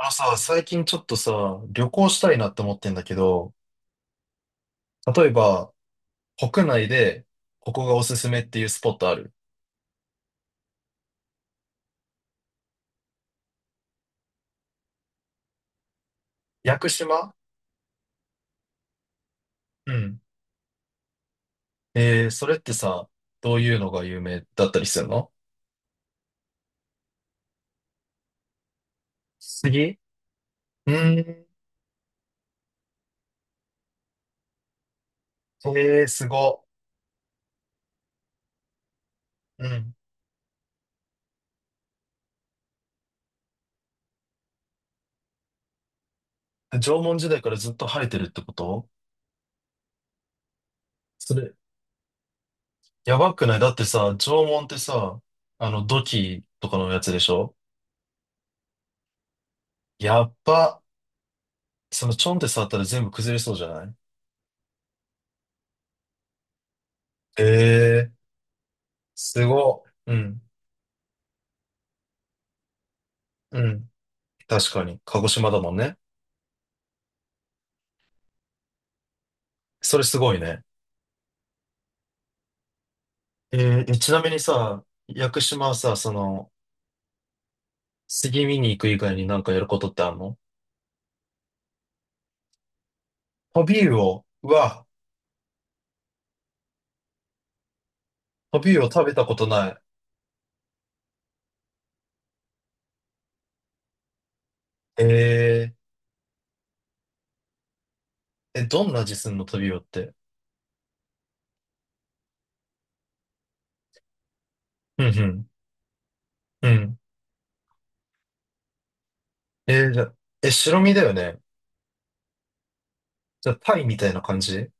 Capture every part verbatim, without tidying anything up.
あのさ、最近ちょっとさ、旅行したいなって思ってんだけど、例えば、国内で、ここがおすすめっていうスポットある？屋久島。うん。えー、それってさ、どういうのが有名だったりするの？杉。うーん。えー、すご。うん。縄文時代からずっと生えてるってこと？それ、やばくない？だってさ、縄文ってさ、あの、土器とかのやつでしょ？やっば。その、ちょんって触ったら全部崩れそうじゃない？えー。すごい。うん。うん。確かに。鹿児島だもんね。それすごいね。えー、ちなみにさ、屋久島はさ、その、杉見に行く以外になんかやることってあるの？トビウオ。うわ、トビウオ食べたことない。えー、え、どんな味すんのトビウオって？うんうん。うん。えー、じゃあ、え、白身だよね。じゃあ、タイみたいな感じ？え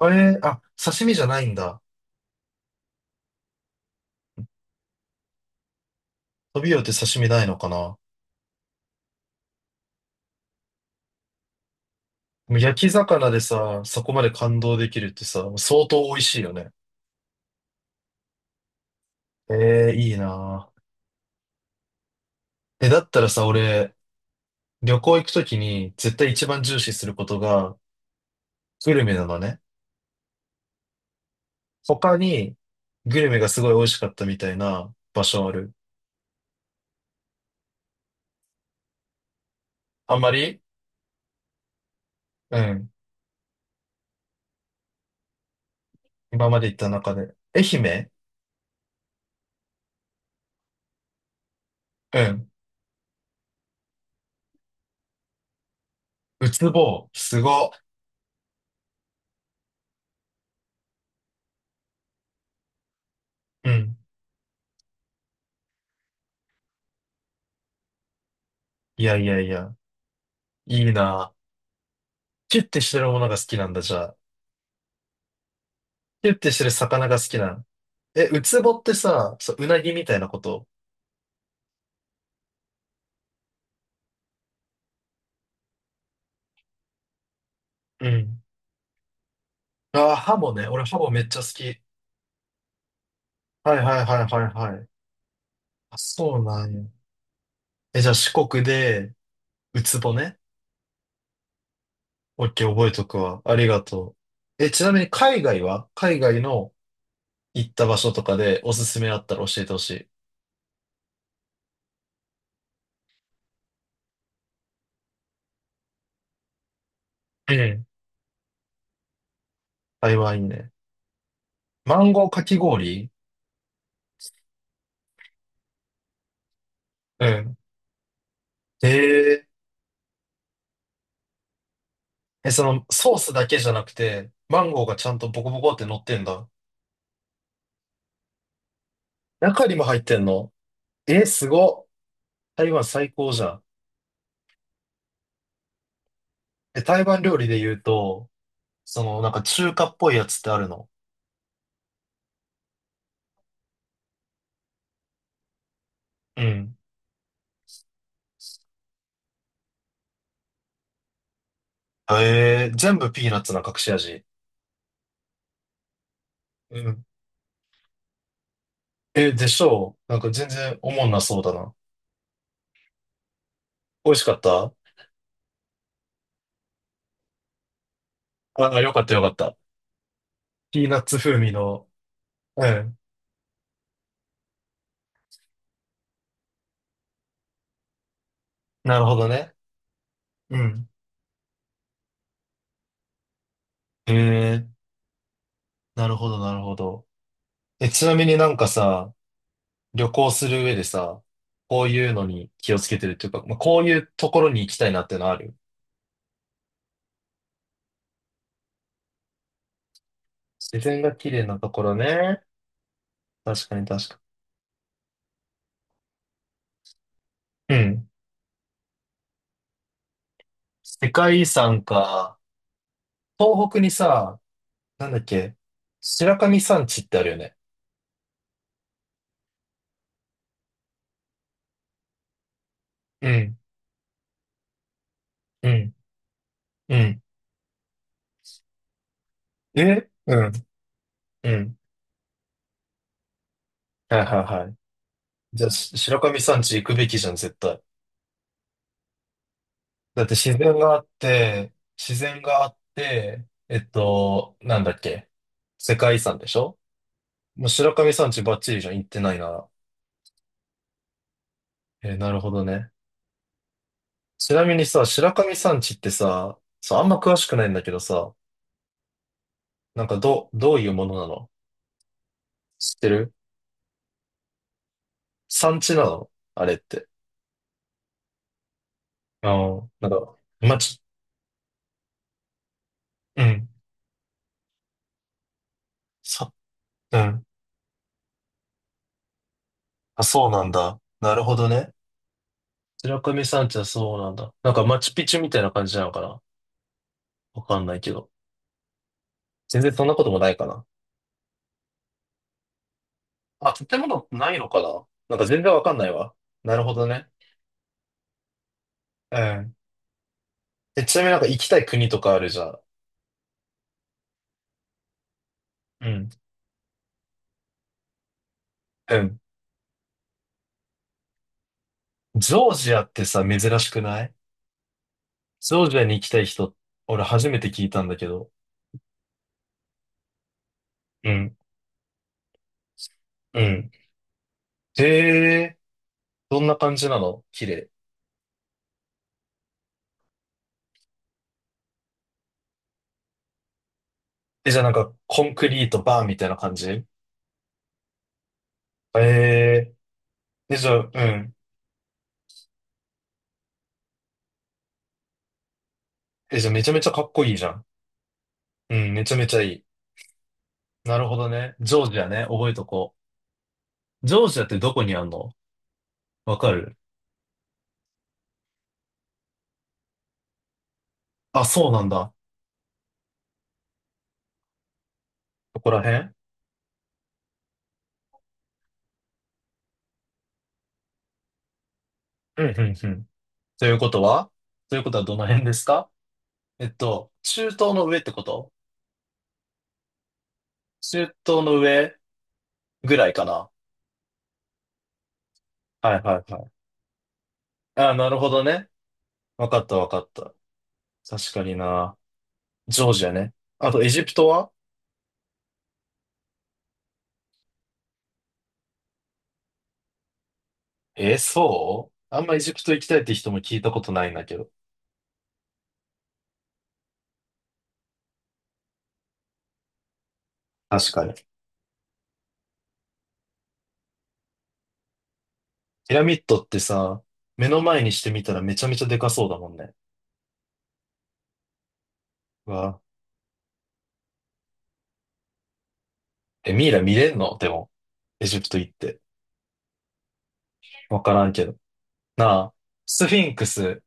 ー、あ、刺身じゃないんだ。トビウオって刺身ないのかな？でも焼き魚でさ、そこまで感動できるってさ、相当美味しいよね。ええいいなぁ。え、だったらさ、俺、旅行行くときに絶対一番重視することがグルメなのね。他にグルメがすごい美味しかったみたいな場所ある？あんまり。うん。今まで行った中で。愛媛？うん。うつぼう。すご。うん。いやいやいや。いいなぁ。キュッてしてるものが好きなんだ、じゃあ。キュッてしてる魚が好きなの？え、うつぼってさ、そう、うなぎみたいなこと？うん。ああ、ハモね。俺ハモめっちゃ好き。はいはいはいはいはい。あ、そうなんや。え、じゃあ四国で、ウツボね。オッケー、覚えとくわ。ありがとう。え、ちなみに海外は海外の行った場所とかでおすすめあったら教えてほしい。ええ。台湾いいね。マンゴーかき氷？うん。えええ、そのソースだけじゃなくて、マンゴーがちゃんとボコボコって乗ってんだ。中にも入ってんの？えー、すごっ。台湾最高じゃん。え、台湾料理で言うと、そのなんか中華っぽいやつってあるの？うん。えー、全部ピーナッツな隠し味。うん、え、でしょう？なんか全然おもんなそうだな。美味しかった？あ、あよかったよかった。ピーナッツ風味の。うん。なるほどね。うん。えー、なるほどなるほど。え、ちなみになんかさ、旅行する上でさ、こういうのに気をつけてるっていうか、まあ、こういうところに行きたいなってのある？自然が綺麗なところね。確かに確かに。うん。世界遺産か。東北にさ、なんだっけ、白神山地ってあるよね。うん、うん、うん。えうん、うん。はいはいはい。じゃあ、し白神山地行くべきじゃん、絶対。だって自然があって、自然があって、えっと、なんだっけ、世界遺産でしょ？もう白神山地バッチリじゃん、行ってないなら。えーなるほどね。ちなみにさ、白神山地ってさ、そう、あんま詳しくないんだけどさ、なんかど、どういうものなの？知ってる？山地なのあれって。あの、なんか、まあ、ち、うん。さ、うん。あ、そうなんだ。なるほどね。白神山地はそうなんだ。なんかマチュピチュみたいな感じなのかな？わかんないけど。全然そんなこともないかな。あ、建物ないのかな？なんか全然わかんないわ。なるほどね。うん。え、ちなみになんか行きたい国とかあるじゃん。うん。うん。ジョージアってさ、珍しくない？ジョージアに行きたい人、俺初めて聞いたんだけど。うん。うん。へえ、どんな感じなの？綺麗？え、じゃあなんか、コンクリートバーみたいな感じ？ええー、え、じゃあ、うん。え、じゃあめちゃめちゃかっこいいじゃん。うん、めちゃめちゃいい。なるほどね。ジョージアね、覚えとこう。ジョージアってどこにあんの？わかる？あ、そうなんだ。ここら辺？うん、うん、うん。ということはということはどの辺ですか？えっと、中東の上ってこと？中東の上ぐらいかな。はいはいはい。あ、なるほどね。わかったわかった。確かにな。ジョージアね。あと、エジプトは？えー、そうあんまエジプト行きたいって人も聞いたことないんだけど。確かに。ピラミッドってさ、目の前にしてみたらめちゃめちゃでかそうだもんね。うわ。え、ミイラ見れんの？でも、エジプト行って。わからんけど。なあ、スフィンクス。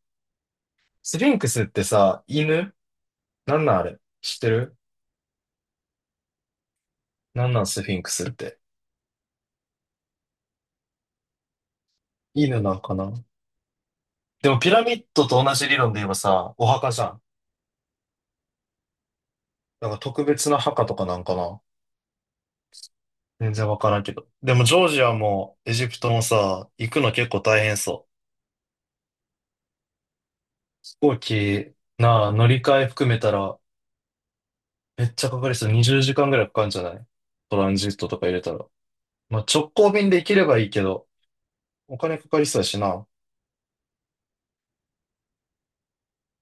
スフィンクスってさ、犬？なんなんあれ知ってる？なんなんスフィンクスって？犬なんかな？でもピラミッドと同じ理論で言えばさ、お墓じゃん。なんか特別な墓とかなんかな？全然わからんけど。でも、ジョージアもエジプトもさ、行くの結構大変そう。飛行機、なあ、乗り換え含めたら、めっちゃかかりそう。にじゅうじかんぐらいかかるんじゃない？トランジットとか入れたら。まあ、直行便で行ければいいけど、お金かかりそうやしな。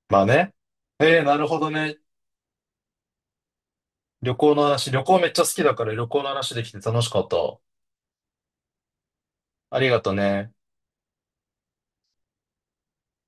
まあね。ええ、なるほどね。旅行の話、旅行めっちゃ好きだから旅行の話できて楽しかったわ。ありがとね。